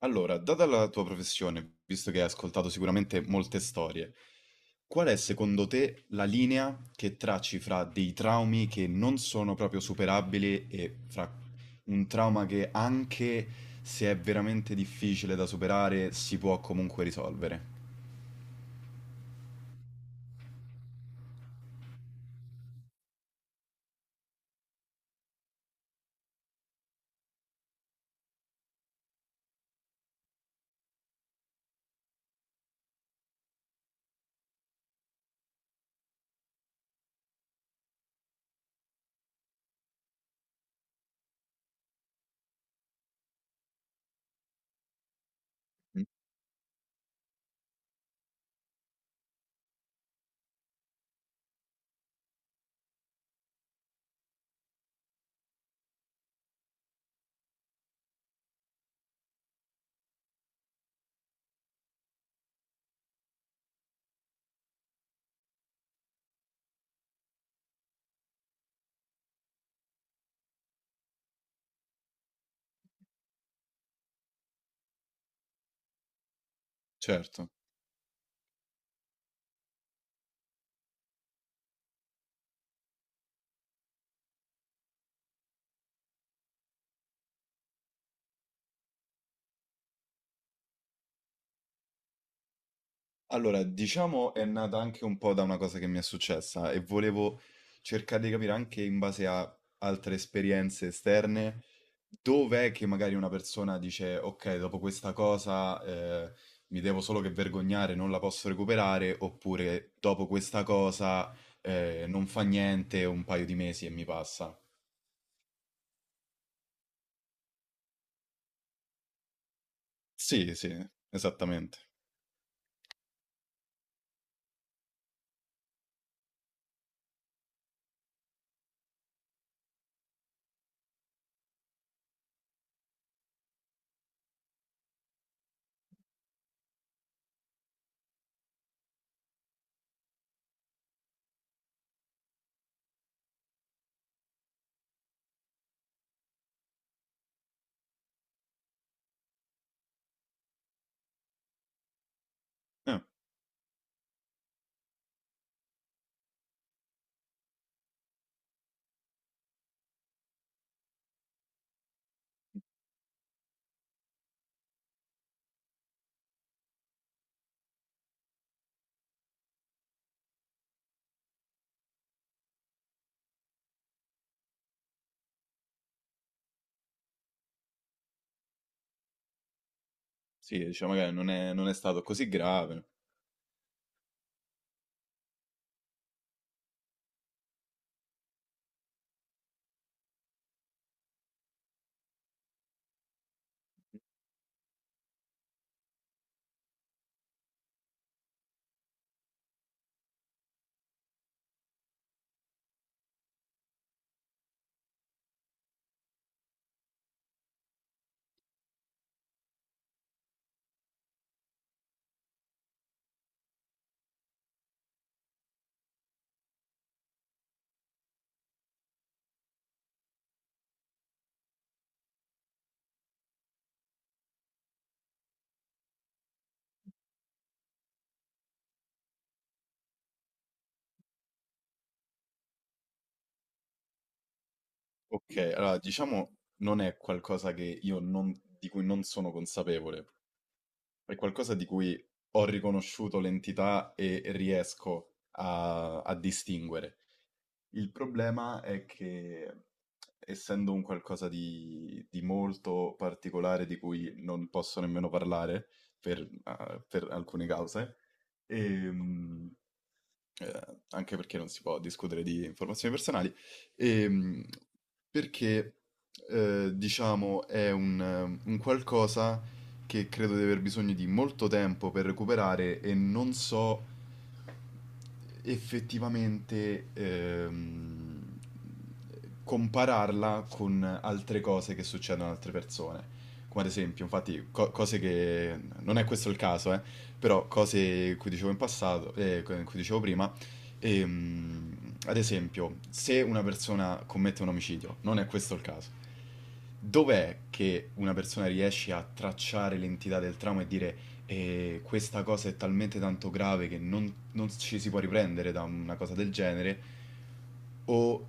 Allora, data la tua professione, visto che hai ascoltato sicuramente molte storie, qual è secondo te la linea che tracci fra dei traumi che non sono proprio superabili e fra un trauma che anche se è veramente difficile da superare si può comunque risolvere? Certo. Allora, diciamo è nata anche un po' da una cosa che mi è successa e volevo cercare di capire anche in base a altre esperienze esterne dov'è che magari una persona dice ok, dopo questa cosa mi devo solo che vergognare, non la posso recuperare, oppure dopo questa cosa non fa niente un paio di mesi e mi passa. Sì, sì, esattamente. Eh, sì, diciamo magari non è stato così grave. Ok, allora diciamo non è qualcosa che io non, di cui non sono consapevole, è qualcosa di cui ho riconosciuto l'entità e riesco a, a distinguere. Il problema è che, essendo un qualcosa di molto particolare di cui non posso nemmeno parlare per alcune cause, ehm, anche perché non si può discutere di informazioni personali, ehm, perché, diciamo è un qualcosa che credo di aver bisogno di molto tempo per recuperare e non so effettivamente compararla con altre cose che succedono ad altre persone. Come ad esempio, infatti, cose che Non è questo il caso, però cose cui dicevo in passato, cui dicevo prima, ad esempio, se una persona commette un omicidio, non è questo il caso. Dov'è che una persona riesce a tracciare l'entità del trauma e dire: questa cosa è talmente tanto grave che non ci si può riprendere da una cosa del genere, o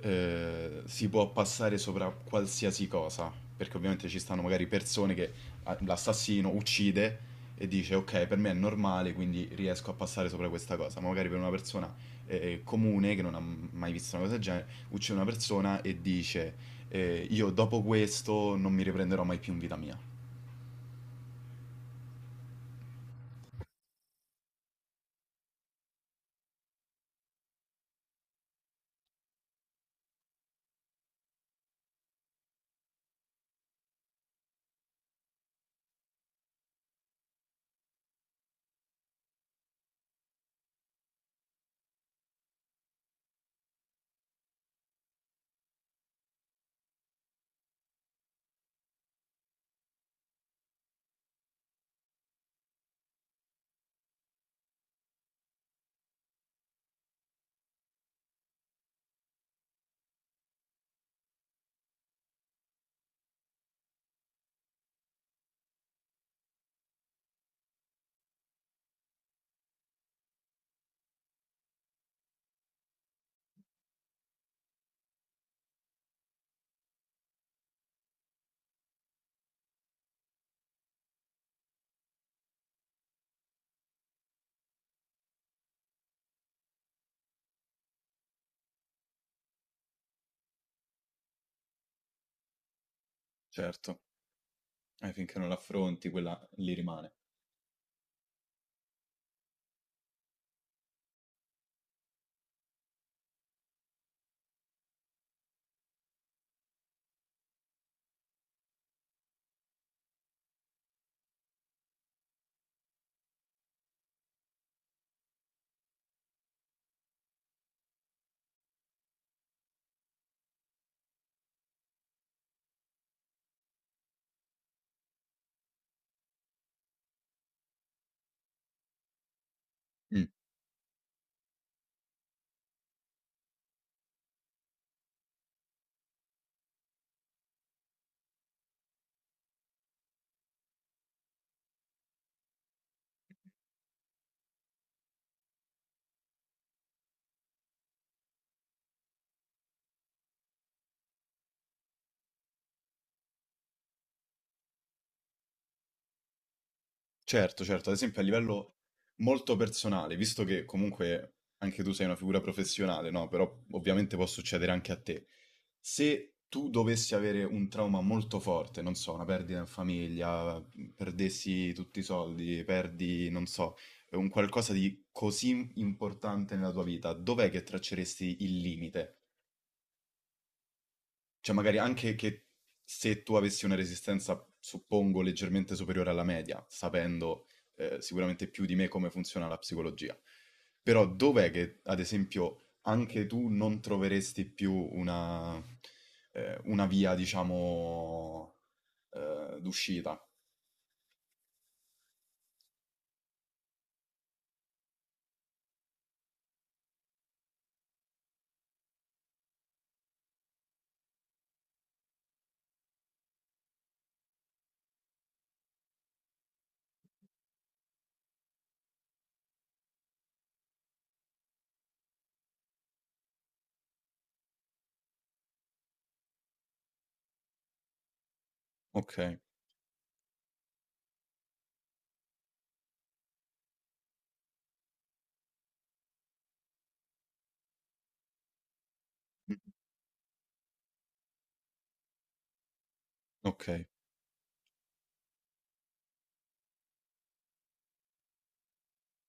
si può passare sopra qualsiasi cosa?" Perché ovviamente ci stanno magari persone che ah, l'assassino uccide e dice ok, per me è normale, quindi riesco a passare sopra questa cosa, ma magari per una persona comune che non ha mai visto una cosa del genere, uccide una persona e dice io dopo questo non mi riprenderò mai più in vita mia. Certo, finché non l'affronti, quella lì rimane. Certo, certo, ad esempio a livello molto personale, visto che comunque anche tu sei una figura professionale, no? Però ovviamente può succedere anche a te. Se tu dovessi avere un trauma molto forte, non so, una perdita in famiglia, mhmm, perdessi tutti i soldi, perdi, non so, un qualcosa di così importante nella tua vita, dov'è che tracceresti il limite? Cioè magari anche che se tu avessi una resistenza, suppongo, leggermente superiore alla media, sapendo sicuramente più di me come funziona la psicologia. Però dov'è che, ad esempio, anche tu non troveresti più una via, diciamo, d'uscita? Ok, ok.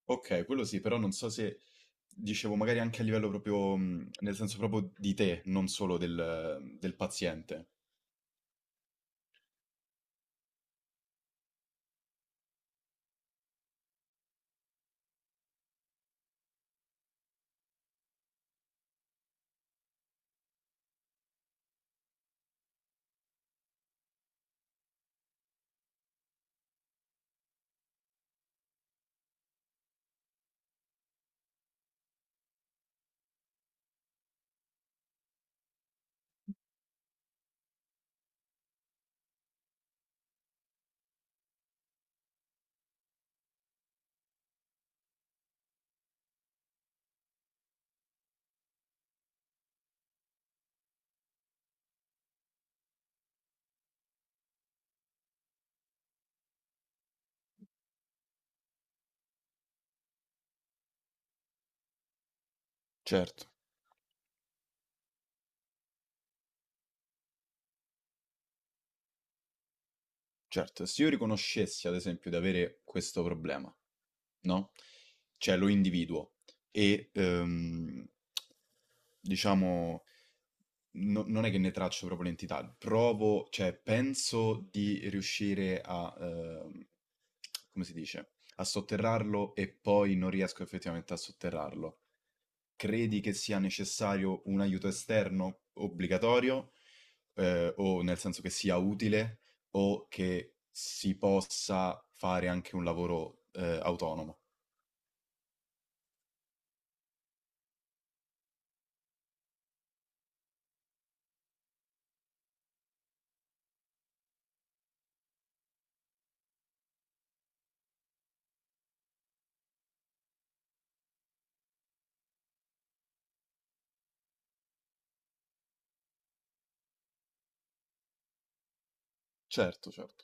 Ok, quello sì, però non so se dicevo magari anche a livello proprio, nel senso proprio di te, non solo del paziente. Certo. Certo, se io riconoscessi ad esempio di avere questo problema, no? Cioè lo individuo e diciamo non è che ne traccio proprio l'entità, provo, cioè penso di riuscire a, come si dice, a sotterrarlo e poi non riesco effettivamente a sotterrarlo, credi che sia necessario un aiuto esterno obbligatorio, o nel senso che sia utile, o che si possa fare anche un lavoro, autonomo? Certo, certo.